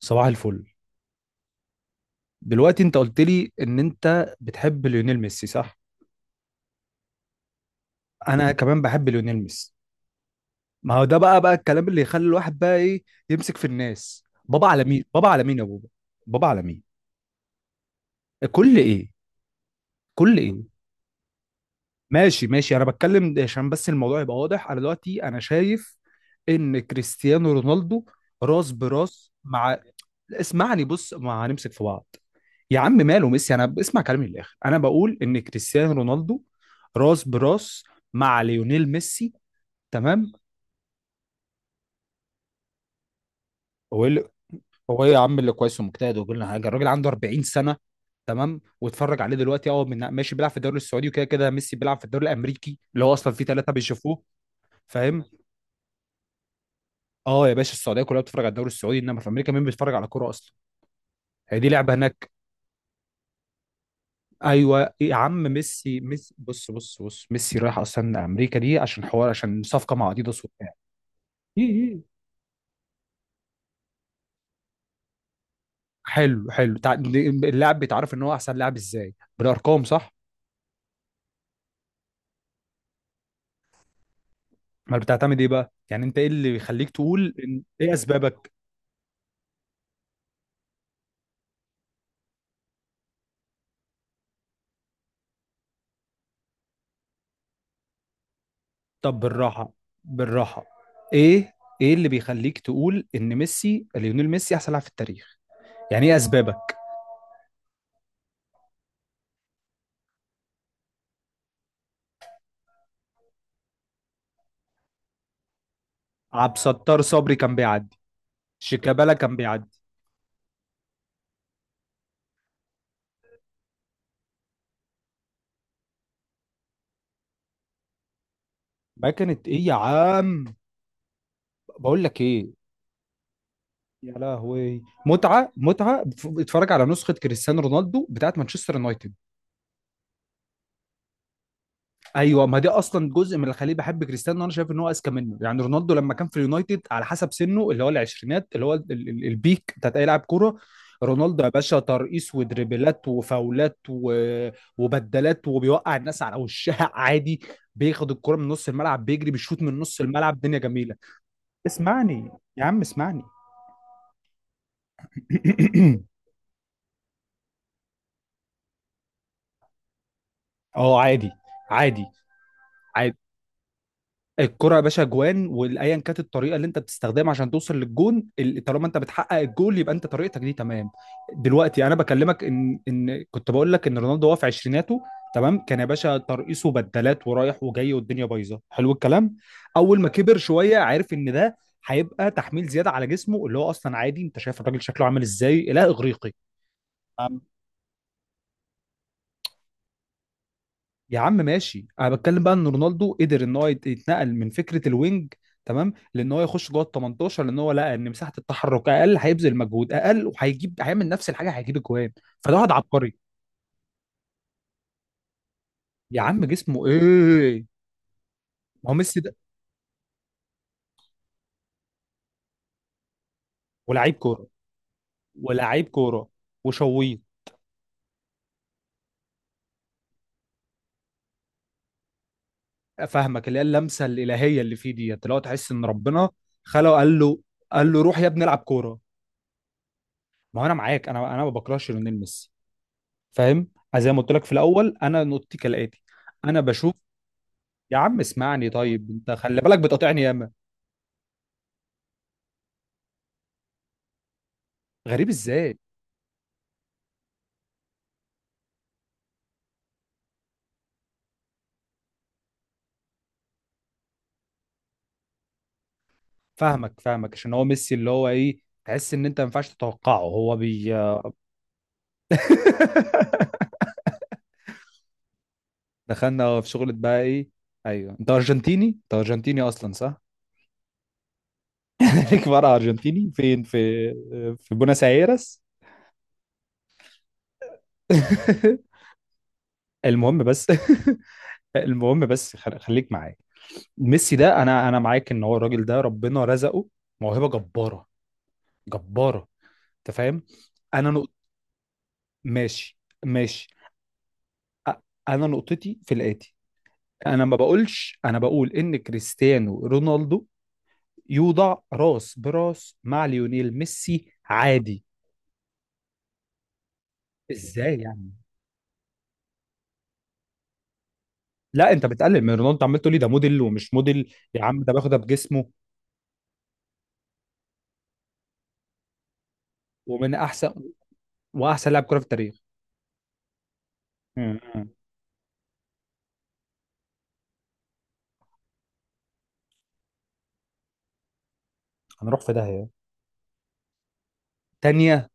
صباح الفل. دلوقتي انت قلت لي ان انت بتحب ليونيل ميسي صح؟ انا كمان بحب ليونيل ميسي. ما هو ده بقى الكلام اللي يخلي الواحد بقى ايه يمسك في الناس، بابا على مين، بابا على مين يا بابا، بابا على مين؟ كل ايه؟ كل ايه؟ ماشي ماشي، انا بتكلم ده عشان بس الموضوع يبقى واضح. انا دلوقتي شايف ان كريستيانو رونالدو راس براس مع... اسمعني، بص، ما هنمسك في بعض. يا عم ماله ميسي، انا اسمع كلامي للاخر، انا بقول ان كريستيانو رونالدو راس براس مع ليونيل ميسي، تمام؟ هو ايه اللي- هو ايه يا عم اللي كويس ومجتهد ويقول لنا حاجه؟ الراجل عنده 40 سنه، تمام، واتفرج عليه دلوقتي. اه، من ماشي بيلعب في الدوري السعودي، وكده كده ميسي بيلعب في الدوري الامريكي اللي هو اصلا فيه ثلاثه بيشوفوه، فاهم؟ اه يا باشا، السعوديه كلها بتتفرج على الدوري السعودي، انما في امريكا مين بيتفرج على كوره اصلا؟ هي دي لعبه هناك؟ ايوه يا عم، ميسي ميسي، بص، ميسي رايح اصلا امريكا دي عشان حوار، عشان صفقه مع اديداس وبتاع... إيه إيه. حلو حلو، اللاعب بيتعرف ان هو احسن لاعب ازاي؟ بالارقام، صح؟ ما بتعتمد ايه بقى؟ يعني انت ايه اللي بيخليك تقول ايه اسبابك؟ طب بالراحه، بالراحه. ايه؟ ايه اللي بيخليك تقول ان ميسي، ليونيل ميسي، احسن لاعب في التاريخ؟ يعني ايه اسبابك؟ عبد الستار صبري كان بيعدي، شيكابالا كان بيعدي. ما كانت ايه يا عم؟ بقول لك ايه؟ يا لهوي متعه متعه، اتفرج على نسخه كريستيانو رونالدو بتاعت مانشستر يونايتد. ايوه، ما دي اصلا جزء من اللي خليه بحب كريستيانو. انا شايف ان هو اذكى منه. يعني رونالدو لما كان في اليونايتد على حسب سنه، اللي هو العشرينات، اللي هو البيك بتاعت اي لاعب كوره. رونالدو يا باشا ترقيص ودريبلات وفاولات و... وبدلات وبيوقع الناس على وشها عادي. بياخد الكرة من نص الملعب، بيجري، بيشوط من نص الملعب، دنيا جميلة. اسمعني، يا عم اسمعني. اه عادي، عادي، عادي. الكرة يا باشا جوان، وايا كانت الطريقه اللي انت بتستخدمها عشان توصل للجون، طالما انت بتحقق الجول يبقى انت طريقتك دي تمام. دلوقتي انا بكلمك ان كنت بقول لك ان رونالدو هو في عشريناته، تمام، كان يا باشا ترقيصه بدلات ورايح وجاي والدنيا بايظه، حلو الكلام. اول ما كبر شويه، عارف ان ده هيبقى تحميل زياده على جسمه اللي هو اصلا عادي، انت شايف الراجل شكله عامل ازاي، اله اغريقي. يا عم ماشي، انا بتكلم بقى ان رونالدو قدر ان هو يتنقل من فكره الوينج، تمام، لان هو يخش جوه ال 18، لان هو لقى ان مساحه التحرك اقل، هيبذل مجهود اقل، وهيجيب، هيعمل نفس الحاجه، هيجيب اجوان. فده واحد عبقري. يا عم جسمه ايه، ما هو ميسي ده. ولاعيب كوره، ولاعيب كوره وشويه. فاهمك، اللي هي اللمسه الالهيه اللي فيه ديت، اللي هو تحس ان ربنا خلقه قال له، قال له روح يا ابني العب كوره. ما هو انا معاك، انا ما بكرهش ليونيل ميسي، فاهم؟ زي ما قلت لك في الاول، انا نقطتي كالاتي. انا بشوف... يا عم اسمعني، طيب انت خلي بالك بتقاطعني ياما. غريب ازاي؟ فاهمك فاهمك، عشان هو ميسي اللي هو ايه، تحس ان انت ما ينفعش تتوقعه، هو بي... دخلنا في شغلة بقى ايه؟ ايوه، انت ارجنتيني، انت ارجنتيني اصلا، صح؟ ليك فرع ارجنتيني فين؟ في في بوناس ايرس؟ المهم بس، المهم بس، خليك معايا. ميسي ده، انا معاك ان هو الراجل ده ربنا رزقه موهبة جبارة، جبارة، انت فاهم؟ انا نقطة... ماشي، ماشي. أ- انا نقطتي في الاتي. انا ما بقولش، انا بقول ان كريستيانو رونالدو يوضع راس براس مع ليونيل ميسي، عادي. ازاي يعني؟ لا انت بتقلل من رونالدو، عمال تقول لي ده موديل ومش موديل، يا عم ده باخدها بجسمه ومن احسن... واحسن لاعب كره في التاريخ. م- م. هنروح في داهيه تانية.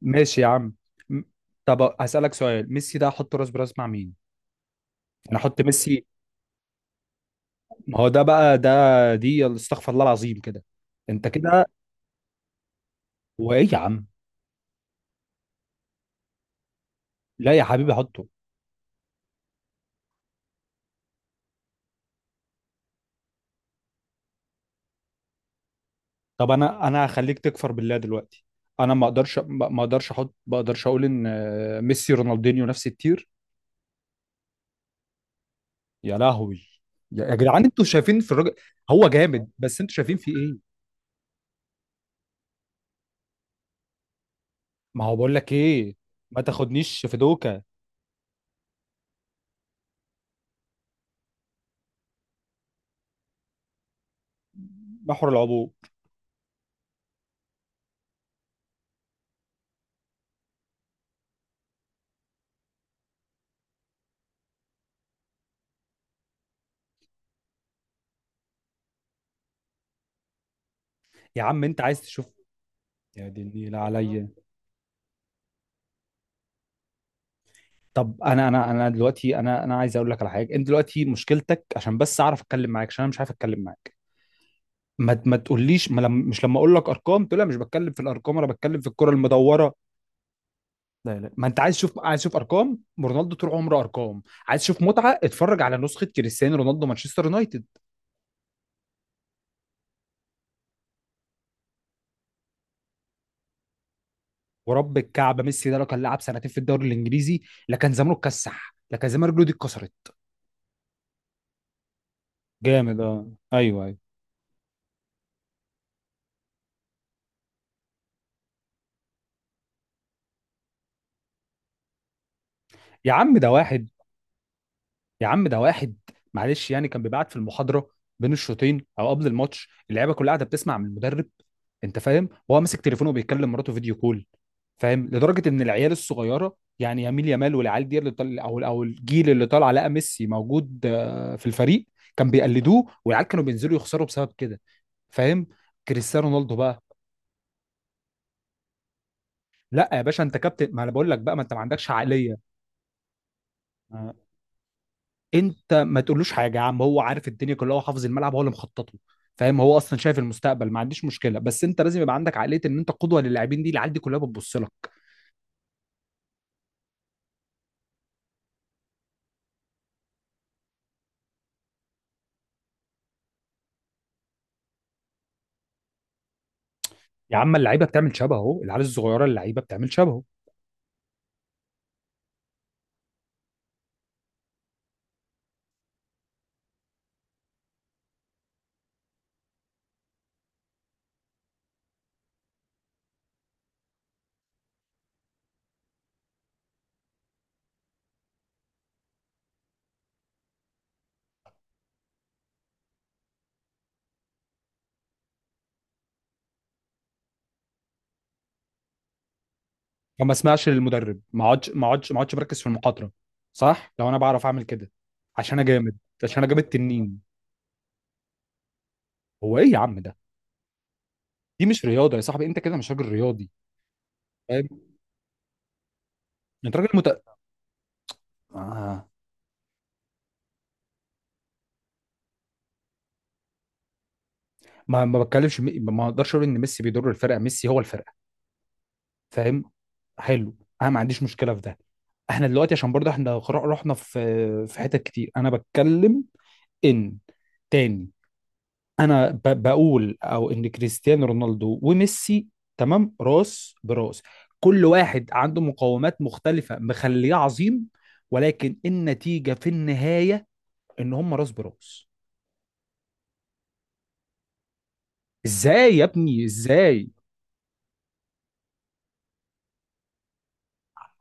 ماشي يا عم. م- طب هسألك سؤال، ميسي ده احط راس براس مع مين؟ انا احط ميسي. ما هو ده بقى ده، دي استغفر الله العظيم كده، انت كده. وايه يا عم؟ لا يا حبيبي حطه. طب انا، انا هخليك تكفر بالله دلوقتي. انا ما اقدرش، ما اقدرش احط، ما اقدرش اقول ان ميسي رونالدينيو نفس التير. يا لهوي. يا جدعان، انتوا شايفين في الراجل؟ هو جامد، بس انتوا شايفين في ايه؟ ما هو بقول لك ايه. ما تاخدنيش في دوكا. محور العبور. يا عم انت عايز تشوف. يا دي النيلة عليا. طب انا دلوقتي، انا عايز اقول لك على حاجه، انت دلوقتي مشكلتك، عشان بس اعرف اتكلم معاك، عشان انا مش عارف اتكلم معاك. ما تقوليش، ما لم، مش لما اقول لك ارقام تقول لي أنا مش بتكلم في الارقام، انا بتكلم في الكره المدوره. لا، ما انت عايز تشوف، عايز تشوف ارقام رونالدو طول عمره ارقام، عايز تشوف متعه اتفرج على نسخه كريستيانو رونالدو مانشستر يونايتد. ورب الكعبه، ميسي ده لو كان لعب سنتين في الدوري الانجليزي لا كان زمانه اتكسح، لا كان زمان رجله دي اتكسرت. جامد؟ اه ايوه ايوه. يا عم ده واحد، يا عم ده واحد، معلش، يعني كان بيبعت في المحاضره بين الشوطين او قبل الماتش، اللعيبه كلها قاعده بتسمع من المدرب، انت فاهم، وهو ماسك تليفونه وبيكلم مراته فيديو كول، فاهم؟ لدرجه ان العيال الصغيره يعني يميل يامال، والعيال دي اللي طل... او او الجيل اللي طالع لقى ميسي موجود في الفريق، كان بيقلدوه، والعيال كانوا بينزلوا يخسروا بسبب كده، فاهم؟ كريستيانو رونالدو بقى... لا يا باشا انت كابتن، ما انا بقول لك بقى، ما انت ما عندكش عقليه. آه. انت ما تقولوش حاجه يا عم، هو عارف الدنيا كلها، هو حافظ الملعب، هو اللي مخطط له، فاهم؟ هو اصلا شايف المستقبل، ما عنديش مشكله، بس انت لازم يبقى عندك عقليه ان انت قدوه للاعبين، دي العيال دي كلها بتبص لك. يا عم اللعيبه بتعمل شبهه، العيال الصغيره اللعيبه بتعمل شبهه. فما اسمعش للمدرب؟ ما اقعدش مركز في المقاطره؟ صح، لو انا بعرف اعمل كده، عشان انا جامد، عشان انا جامد تنين. هو ايه يا عم ده، دي مش رياضه يا صاحبي، انت كده مش راجل رياضي، فاهم؟ انت راجل مت... آه. ما بتكلمش، ما اقدرش اقول ان ميسي بيضر الفرقه، ميسي هو الفرقه، فاهم؟ حلو، انا ما عنديش مشكله في ده. احنا دلوقتي عشان برضه احنا رحنا في، في حتت كتير. انا بتكلم ان، تاني، انا بقول او ان كريستيانو رونالدو وميسي، تمام، راس براس. كل واحد عنده مقومات مختلفة مخليه عظيم، ولكن النتيجة في النهاية ان هم راس براس. ازاي يا ابني ازاي؟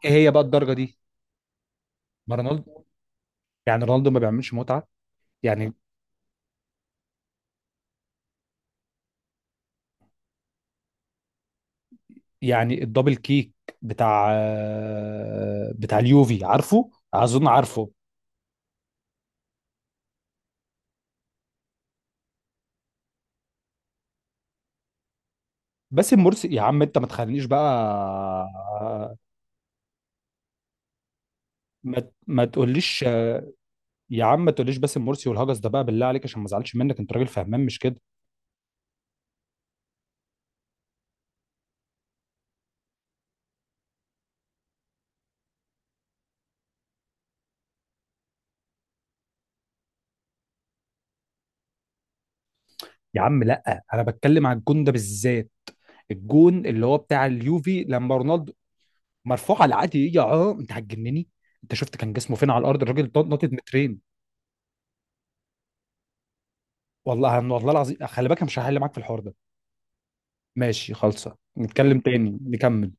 ايه هي بقى الدرجة دي؟ ما رونالدو، يعني رونالدو ما بيعملش متعة يعني؟ يعني الدبل كيك بتاع، بتاع اليوفي، عارفه، اظن عارفه. باسم مرسي يا عم انت ما تخلينيش بقى. ما ما تقوليش، يا عم ما تقوليش باسم مرسي والهجس ده بقى، بالله عليك، عشان ما ازعلش منك، انت راجل فهمان مش كده؟ يا عم لا، انا بتكلم على الجون ده بالذات، الجون اللي هو بتاع اليوفي لما رونالدو... مرفوع على العادي يا؟ اه انت هتجنني، انت شفت كان جسمه فين على الارض؟ الراجل نطت مترين. والله والله العظيم خلي بالك، أنا مش هحل معاك في الحوار ده. ماشي خالصه، نتكلم تاني نكمل.